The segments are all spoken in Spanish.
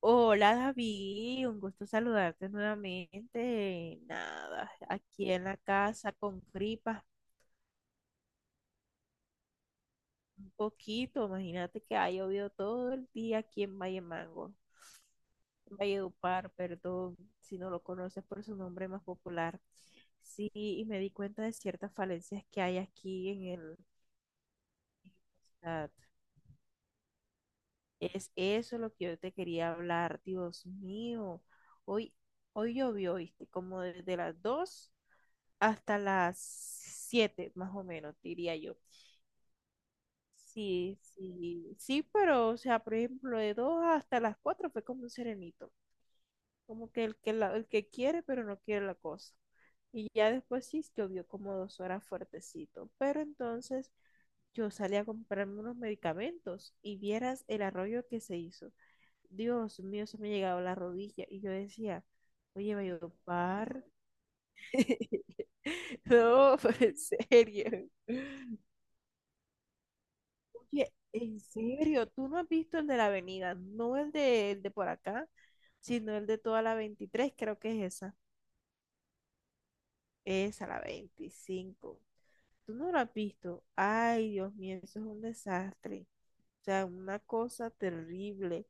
Hola David, un gusto saludarte nuevamente. Nada, aquí en la casa con gripas un poquito. Imagínate que ha llovido todo el día aquí en Valle Mango, en Valledupar, perdón, si no lo conoces por su nombre más popular. Sí, y me di cuenta de ciertas falencias que hay aquí en el chat. Es eso lo que yo te quería hablar, Dios mío. Hoy, hoy llovió, ¿viste? Como desde las 2 hasta las 7 más o menos, diría yo. Sí, sí, sí, pero, o sea, por ejemplo, de 2 hasta las 4 fue como un serenito, como que el que quiere, pero no quiere la cosa. Y ya después sí llovió como 2 horas fuertecito, pero entonces yo salí a comprarme unos medicamentos y vieras el arroyo que se hizo. Dios mío, se me llegaba la rodilla y yo decía, oye, va a llover. No, fue en serio. Oye, en serio, tú no has visto el de la avenida, no el de por acá, sino el de toda la 23, creo que es esa. Esa, la 25. Tú no lo has visto. Ay, Dios mío, eso es un desastre. O sea, una cosa terrible.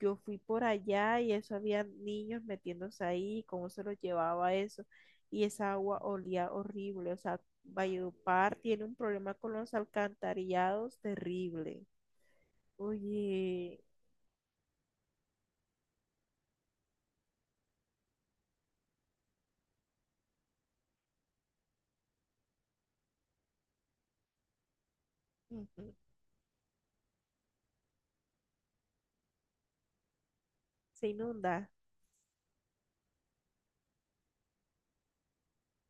Yo fui por allá y eso había niños metiéndose ahí, cómo se los llevaba eso. Y esa agua olía horrible. O sea, Valledupar tiene un problema con los alcantarillados terrible. Oye. Se inunda.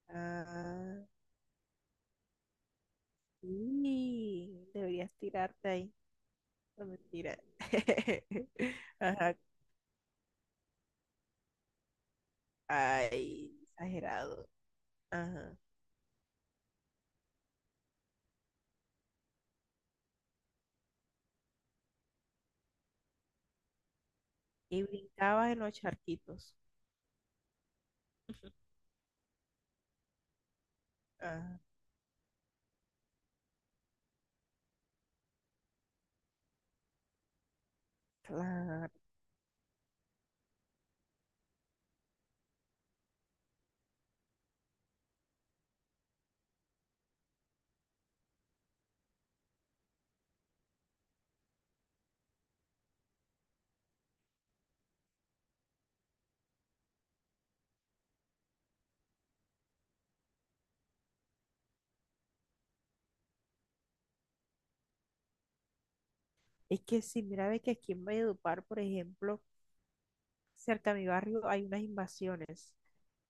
Ah, sí deberías tirarte ahí. No, mentira. Ajá. Ay, exagerado. Ajá. Y brincabas en los charquitos. Ah, claro. Es que sí, mira, ve que aquí en Valledupar, por ejemplo, cerca a mi barrio hay unas invasiones.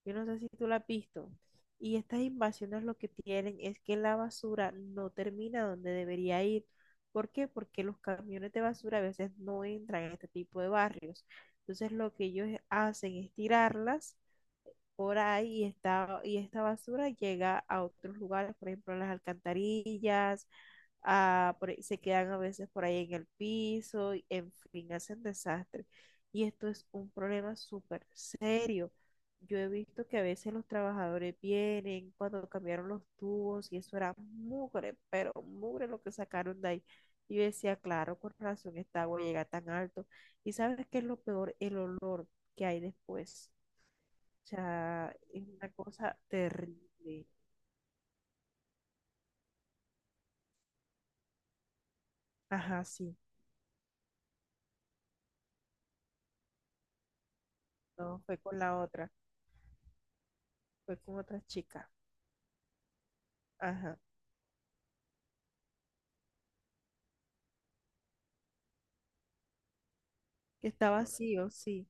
Yo no sé si tú la has visto. Y estas invasiones lo que tienen es que la basura no termina donde debería ir. ¿Por qué? Porque los camiones de basura a veces no entran en este tipo de barrios. Entonces lo que ellos hacen es tirarlas por ahí y esta basura llega a otros lugares, por ejemplo, a las alcantarillas, se quedan a veces por ahí en el piso, y, en fin, hacen desastre. Y esto es un problema súper serio. Yo he visto que a veces los trabajadores vienen cuando cambiaron los tubos y eso era mugre, pero mugre lo que sacaron de ahí. Y yo decía, claro, con razón esta agua llega tan alto. ¿Y sabes qué es lo peor? El olor que hay después. O sea, es una cosa terrible. Ajá, sí. No, fue con la otra, fue con otra chica. Ajá. Que está vacío, sí.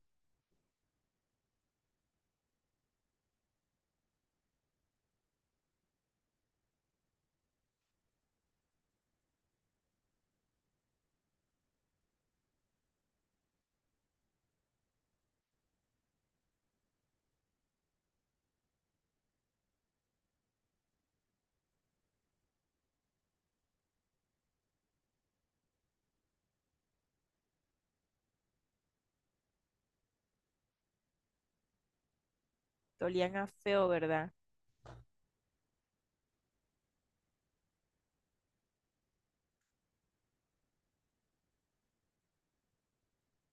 Olían a feo, ¿verdad?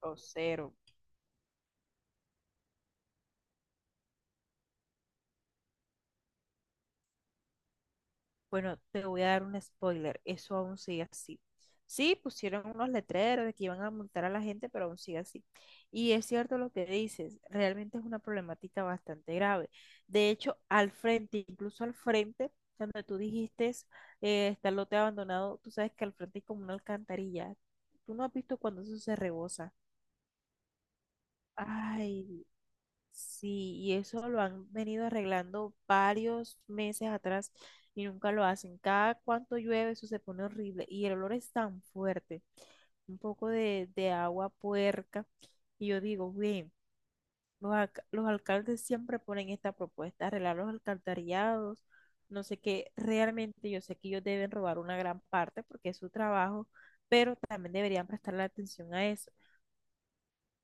O cero. Bueno, te voy a dar un spoiler. Eso aún sigue así. Sí, pusieron unos letreros de que iban a multar a la gente, pero aún sigue así. Y es cierto lo que dices, realmente es una problemática bastante grave. De hecho, al frente, incluso al frente, cuando tú dijiste está el lote abandonado, tú sabes que al frente hay como una alcantarilla. Tú no has visto cuando eso se rebosa. Ay, sí, y eso lo han venido arreglando varios meses atrás y nunca lo hacen. Cada cuanto llueve eso se pone horrible y el olor es tan fuerte. Un poco de agua puerca. Y yo digo, bien, los alcaldes siempre ponen esta propuesta, arreglar los alcantarillados, no sé qué. Realmente yo sé que ellos deben robar una gran parte porque es su trabajo, pero también deberían prestarle atención a eso.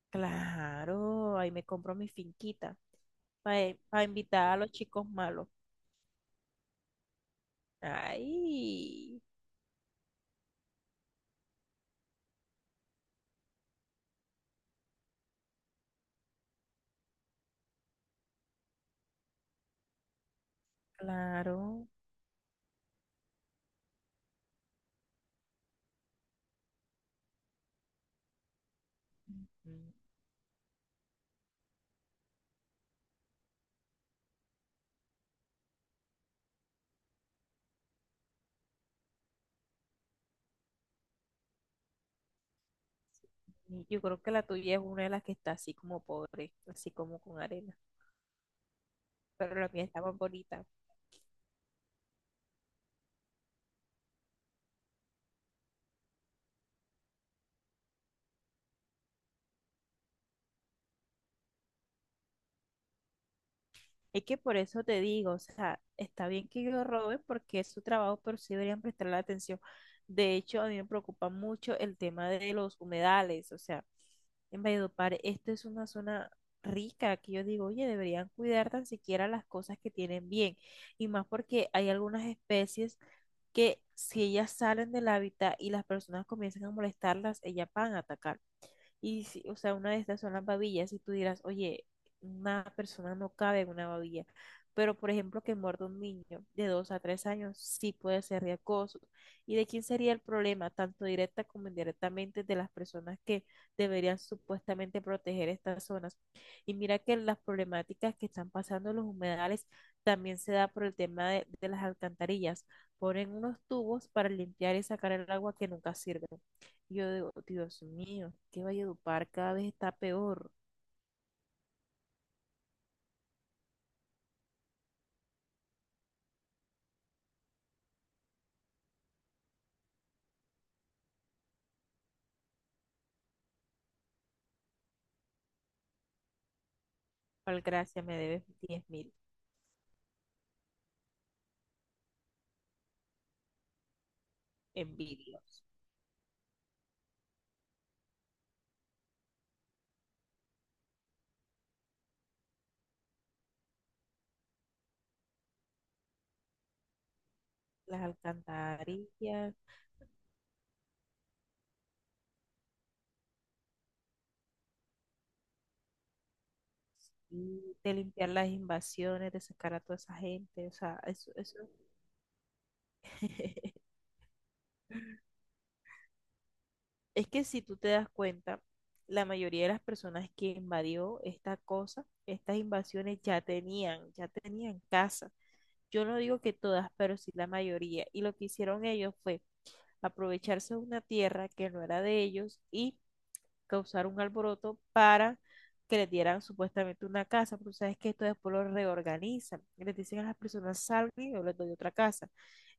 Claro, ahí me compro mi finquita para invitar a los chicos malos. Ay, claro. Ujú. Yo creo que la tuya es una de las que está así como pobre, así como con arena, pero la mía está más bonita. Es que por eso te digo, o sea, está bien que yo robe porque es su trabajo, pero sí deberían prestarle atención. De hecho, a mí me preocupa mucho el tema de los humedales, o sea, en Valledupar, esto es una zona rica que yo digo, oye, deberían cuidar tan siquiera las cosas que tienen bien, y más porque hay algunas especies que si ellas salen del hábitat y las personas comienzan a molestarlas, ellas van a atacar. O sea, una de estas son las babillas. Y tú dirás, oye, una persona no cabe en una babilla. Pero, por ejemplo, que muerda un niño de 2 a 3 años sí puede ser de acoso. ¿Y de quién sería el problema, tanto directa como indirectamente, de las personas que deberían supuestamente proteger estas zonas? Y mira que las problemáticas que están pasando en los humedales también se da por el tema de las alcantarillas. Ponen unos tubos para limpiar y sacar el agua que nunca sirve. Yo digo, Dios mío, que Valledupar cada vez está peor. Gracias, me debes 10.000 envidios. Las alcantarillas, y de limpiar las invasiones, de sacar a toda esa gente. O sea, eso, eso. Es que si tú te das cuenta, la mayoría de las personas que invadió esta cosa, estas invasiones ya tenían casa. Yo no digo que todas, pero sí la mayoría. Y lo que hicieron ellos fue aprovecharse de una tierra que no era de ellos y causar un alboroto para que les dieran supuestamente una casa, pero sabes que esto después lo reorganizan, y les dicen a las personas salgan y yo les doy otra casa.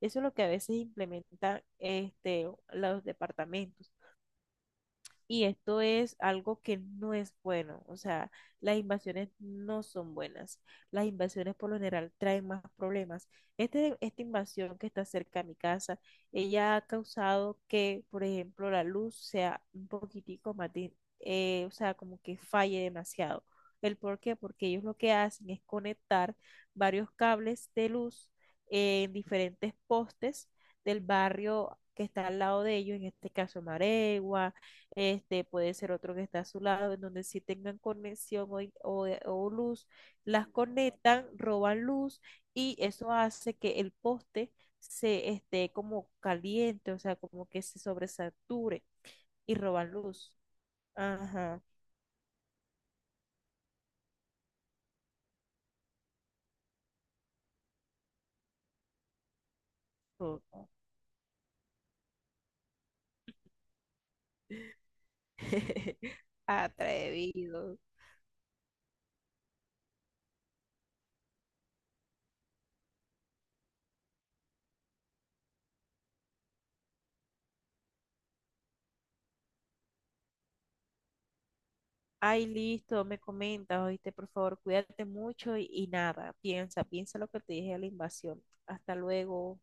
Eso es lo que a veces implementan los departamentos. Y esto es algo que no es bueno. O sea, las invasiones no son buenas. Las invasiones por lo general traen más problemas. Esta invasión que está cerca a mi casa, ella ha causado que, por ejemplo, la luz sea un poquitico más, o sea, como que falle demasiado. ¿El por qué? Porque ellos lo que hacen es conectar varios cables de luz en diferentes postes del barrio que está al lado de ellos, en este caso Maregua, este puede ser otro que está a su lado, en donde si tengan conexión o luz, las conectan, roban luz y eso hace que el poste se esté como caliente, o sea, como que se sobresature y roban luz. Ajá. Todo. Atrevido. Ay, listo, me comentas, oíste, por favor, cuídate mucho y nada, piensa, piensa lo que te dije de la invasión. Hasta luego.